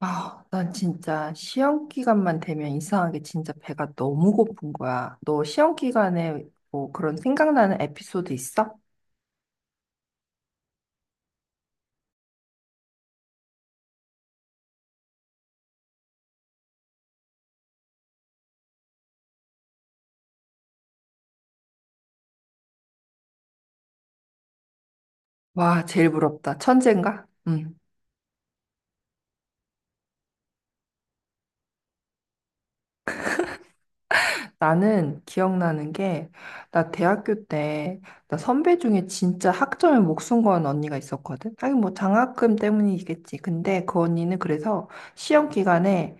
아, 난 진짜 시험 기간만 되면 이상하게 진짜 배가 너무 고픈 거야. 너 시험 기간에 뭐 그런 생각나는 에피소드 있어? 와, 제일 부럽다. 천재인가? 응. 나는 기억나는 게, 나 대학교 때, 나 선배 중에 진짜 학점에 목숨 건 언니가 있었거든? 하긴 뭐 장학금 때문이겠지. 근데 그 언니는 그래서 시험 기간에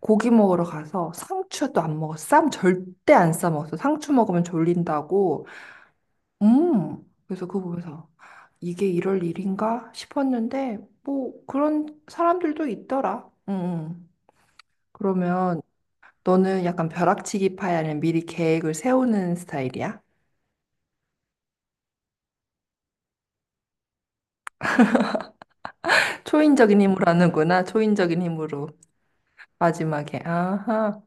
고기 먹으러 가서 상추도 안 먹었어. 쌈 절대 안 싸 먹었어. 상추 먹으면 졸린다고. 음. 그래서 그거 보면서, 이게 이럴 일인가 싶었는데, 뭐 그런 사람들도 있더라. 응, 응. 그러면 너는 약간 벼락치기파야, 는니 미리 계획을 세우는 스타일이야? 초인적인 힘으로 하는구나. 초인적인 힘으로. 마지막에. 아하.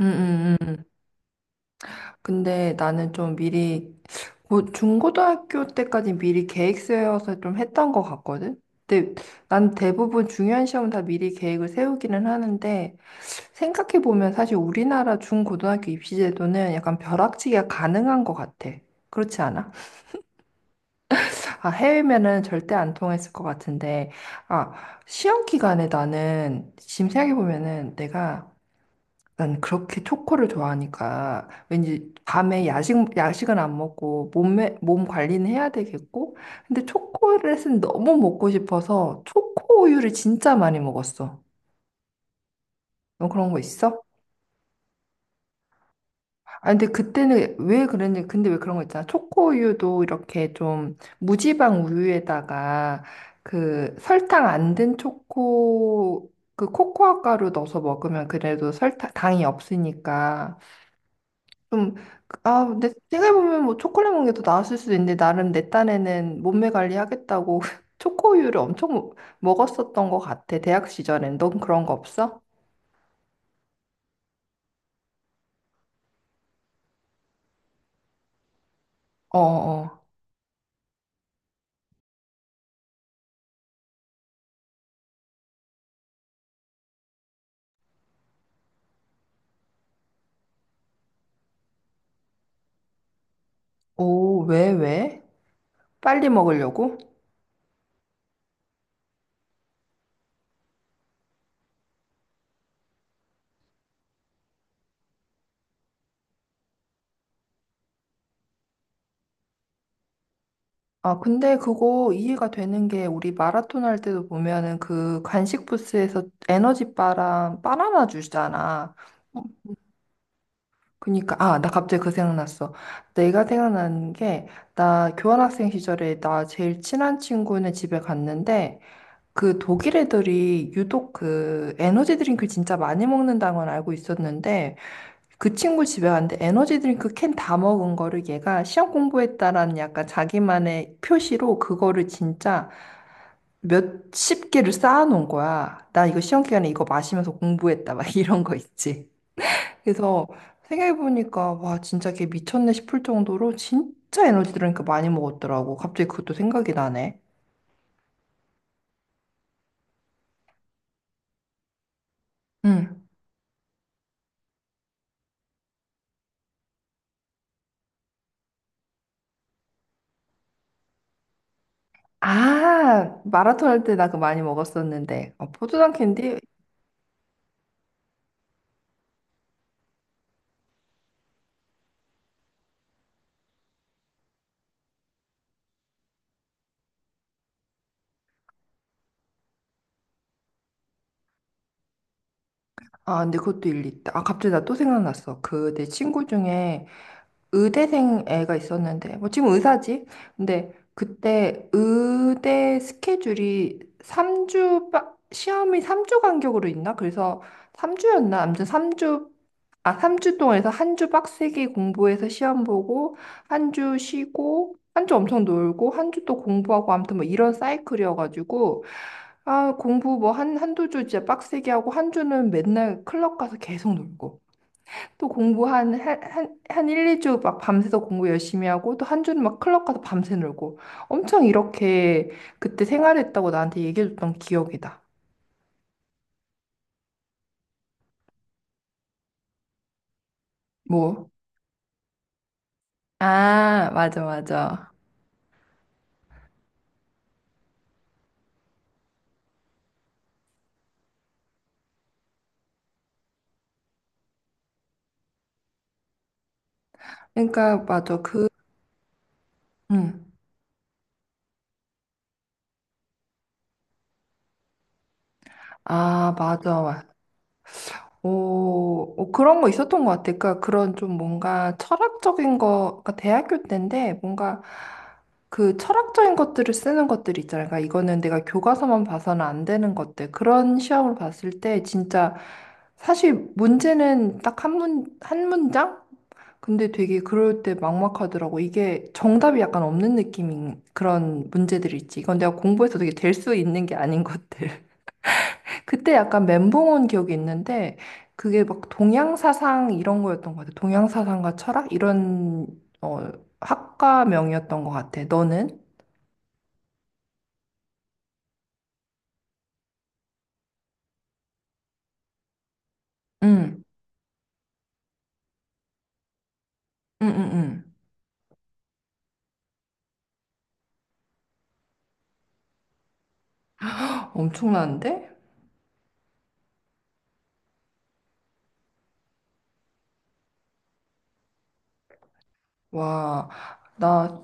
음. 근데 나는 좀 미리, 뭐, 중고등학교 때까지 미리 계획 세워서 좀 했던 것 같거든? 근데 난 대부분 중요한 시험은 다 미리 계획을 세우기는 하는데, 생각해보면 사실 우리나라 중고등학교 입시 제도는 약간 벼락치기가 가능한 것 같아. 그렇지 않아? 아, 해외면은 절대 안 통했을 것 같은데, 아, 시험 기간에 나는, 지금 생각해보면은 내가, 난 그렇게 초코를 좋아하니까, 왠지 밤에 야식, 야식은 안 먹고, 몸에, 몸 관리는 해야 되겠고, 근데 초콜릿은 너무 먹고 싶어서, 초코우유를 진짜 많이 먹었어. 너 그런 거 있어? 아, 근데 그때는 왜 그랬는지, 근데 왜 그런 거 있잖아. 초코우유도 이렇게 좀 무지방 우유에다가 그 설탕 안 든 초코, 그 코코아 가루 넣어서 먹으면 그래도 설탕, 당이 없으니까 좀, 그, 아, 근데 생각해보면 뭐 초콜릿 먹는 게 더 나았을 수도 있는데 나름 내 딴에는 몸매 관리하겠다고 초코우유를 엄청 먹었었던 것 같아. 대학 시절엔. 넌 그런 거 없어? 어어어. 오, 왜, 왜? 빨리 먹으려고? 아, 근데 그거 이해가 되는 게 우리 마라톤 할 때도 보면은 그 간식 부스에서 에너지 바랑 바나나 주잖아. 어, 그니까, 아, 나 갑자기 그 생각났어. 내가 생각나는 게, 나 교환학생 시절에 나 제일 친한 친구네 집에 갔는데, 그 독일 애들이 유독 그 에너지 드링크 진짜 많이 먹는다는 건 알고 있었는데, 그 친구 집에 갔는데 에너지 드링크 캔 다 먹은 거를 얘가 시험 공부했다라는 약간 자기만의 표시로 그거를 진짜 몇십 개를 쌓아놓은 거야. 나 이거 시험 기간에 이거 마시면서 공부했다. 막 이런 거 있지. 그래서 생각해보니까 와 진짜 걔 미쳤네 싶을 정도로 진짜 에너지 드링크 많이 먹었더라고. 갑자기 그것도 생각이 나네. 응. 아 마라톤 할 때 나 그거 많이 먹었었는데. 아, 포도당 캔디? 아 근데 그것도 일리 있다. 아 갑자기 나 또 생각났어. 그 내 친구 중에 의대생 애가 있었는데, 뭐 지금 의사지? 근데 그때 의대 스케줄이 3주, 시험이 3주 간격으로 있나? 그래서 3주였나? 아무튼 3주, 아, 3주 동안에서 한 주 빡세게 공부해서 시험 보고, 한 주 쉬고, 한 주 엄청 놀고, 한 주 또 공부하고, 아무튼 뭐 이런 사이클이어가지고, 아, 공부 뭐 한두 주 진짜 빡세게 하고, 한 주는 맨날 클럽 가서 계속 놀고. 또 공부 한 1, 2주 막 밤새서 공부 열심히 하고 또 한 주는 막 클럽 가서 밤새 놀고 엄청 이렇게 그때 생활했다고 나한테 얘기해줬던 기억이다. 뭐? 아, 맞아, 맞아. 그러니까, 맞아. 그, 응. 아, 맞아. 오, 오, 그런 거 있었던 것 같아. 그러니까 그런 좀 뭔가 철학적인 거, 그러니까 대학교 때인데 뭔가 그 철학적인 것들을 쓰는 것들 있잖아. 그러니까 이거는 내가 교과서만 봐서는 안 되는 것들. 그런 시험을 봤을 때 진짜 사실 문제는 딱 한 문장? 근데 되게 그럴 때 막막하더라고. 이게 정답이 약간 없는 느낌인 그런 문제들 있지. 이건 내가 공부해서 되게 될 수 있는 게 아닌 것들. 그때 약간 멘붕 온 기억이 있는데 그게 막 동양 사상 이런 거였던 것 같아. 동양 사상과 철학 이런 어 학과명이었던 것 같아. 너는? 응, 응, 응, 응. 엄청난데? 와, 나,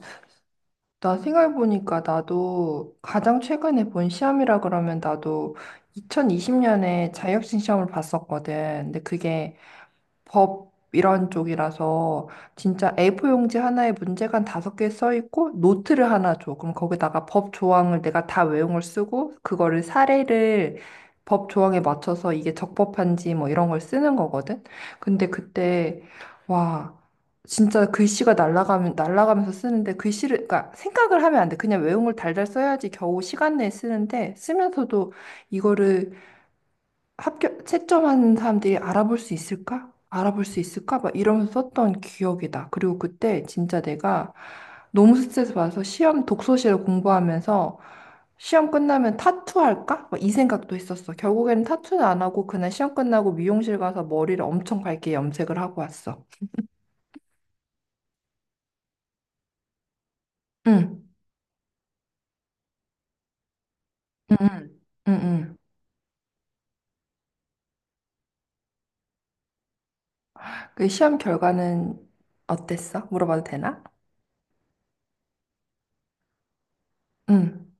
나 생각해보니까 나도 가장 최근에 본 시험이라 그러면 나도 2020년에 자격증 시험을 봤었거든. 근데 그게 법 이런 쪽이라서 진짜 A4 용지 하나에 문제가 한 다섯 개 써 있고 노트를 하나 줘. 그럼 거기다가 법 조항을 내가 다 외용을 쓰고 그거를 사례를 법 조항에 맞춰서 이게 적법한지 뭐 이런 걸 쓰는 거거든. 근데 그때 와 진짜 글씨가 날아가면 날라가면서 쓰는데 글씨를 그러니까 생각을 하면 안 돼. 그냥 외용을 달달 써야지 겨우 시간 내에 쓰는데 쓰면서도 이거를 합격 채점하는 사람들이 알아볼 수 있을까? 알아볼 수 있을까? 막 이러면서 썼던 기억이 나. 그리고 그때 진짜 내가 너무 스트레스 받아서 시험 독서실을 공부하면서 시험 끝나면 타투 할까? 막 이 생각도 했었어. 결국에는 타투는 안 하고 그날 시험 끝나고 미용실 가서 머리를 엄청 밝게 염색을 하고 왔어. 응, 응, 응, 응. 응. 그 시험 결과는 어땠어? 물어봐도 되나? 응.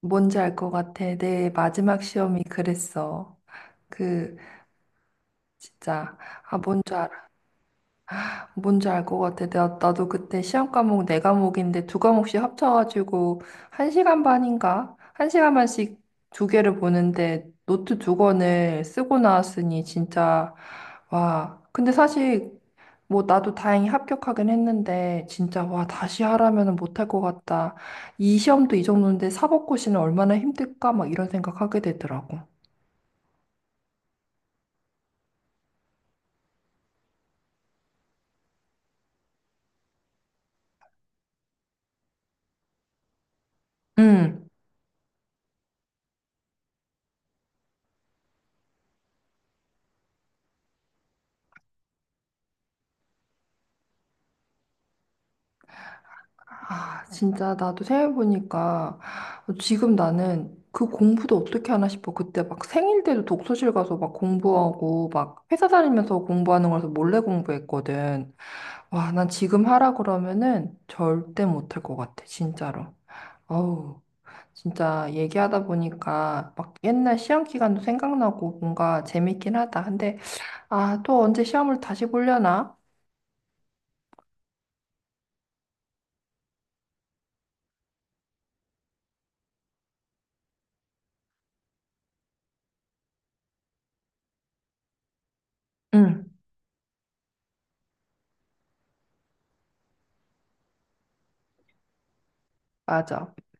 뭔지 알 것 같아. 내 마지막 시험이 그랬어. 그 진짜 아 뭔지 알아 뭔지 알 것 같아 나도 그때 시험 과목 네 과목인데 두 과목씩 합쳐가지고 한 시간 반인가 한 시간 반씩 두 개를 보는데 노트 두 권을 쓰고 나왔으니 진짜 와 근데 사실 뭐 나도 다행히 합격하긴 했는데 진짜 와 다시 하라면은 못할 것 같다 이 시험도 이 정도인데 사법고시는 얼마나 힘들까 막 이런 생각하게 되더라고 응. 아, 진짜 나도 생각해보니까 지금 나는 그 공부도 어떻게 하나 싶어. 그때 막 생일 때도 독서실 가서 막 공부하고 막 회사 다니면서 공부하는 거라서 몰래 공부했거든. 와, 난 지금 하라 그러면은 절대 못할 것 같아. 진짜로. 어우, 진짜 얘기하다 보니까 막 옛날 시험 기간도 생각나고 뭔가 재밌긴 하다. 근데 아, 또 언제 시험을 다시 보려나? 응, 맞아.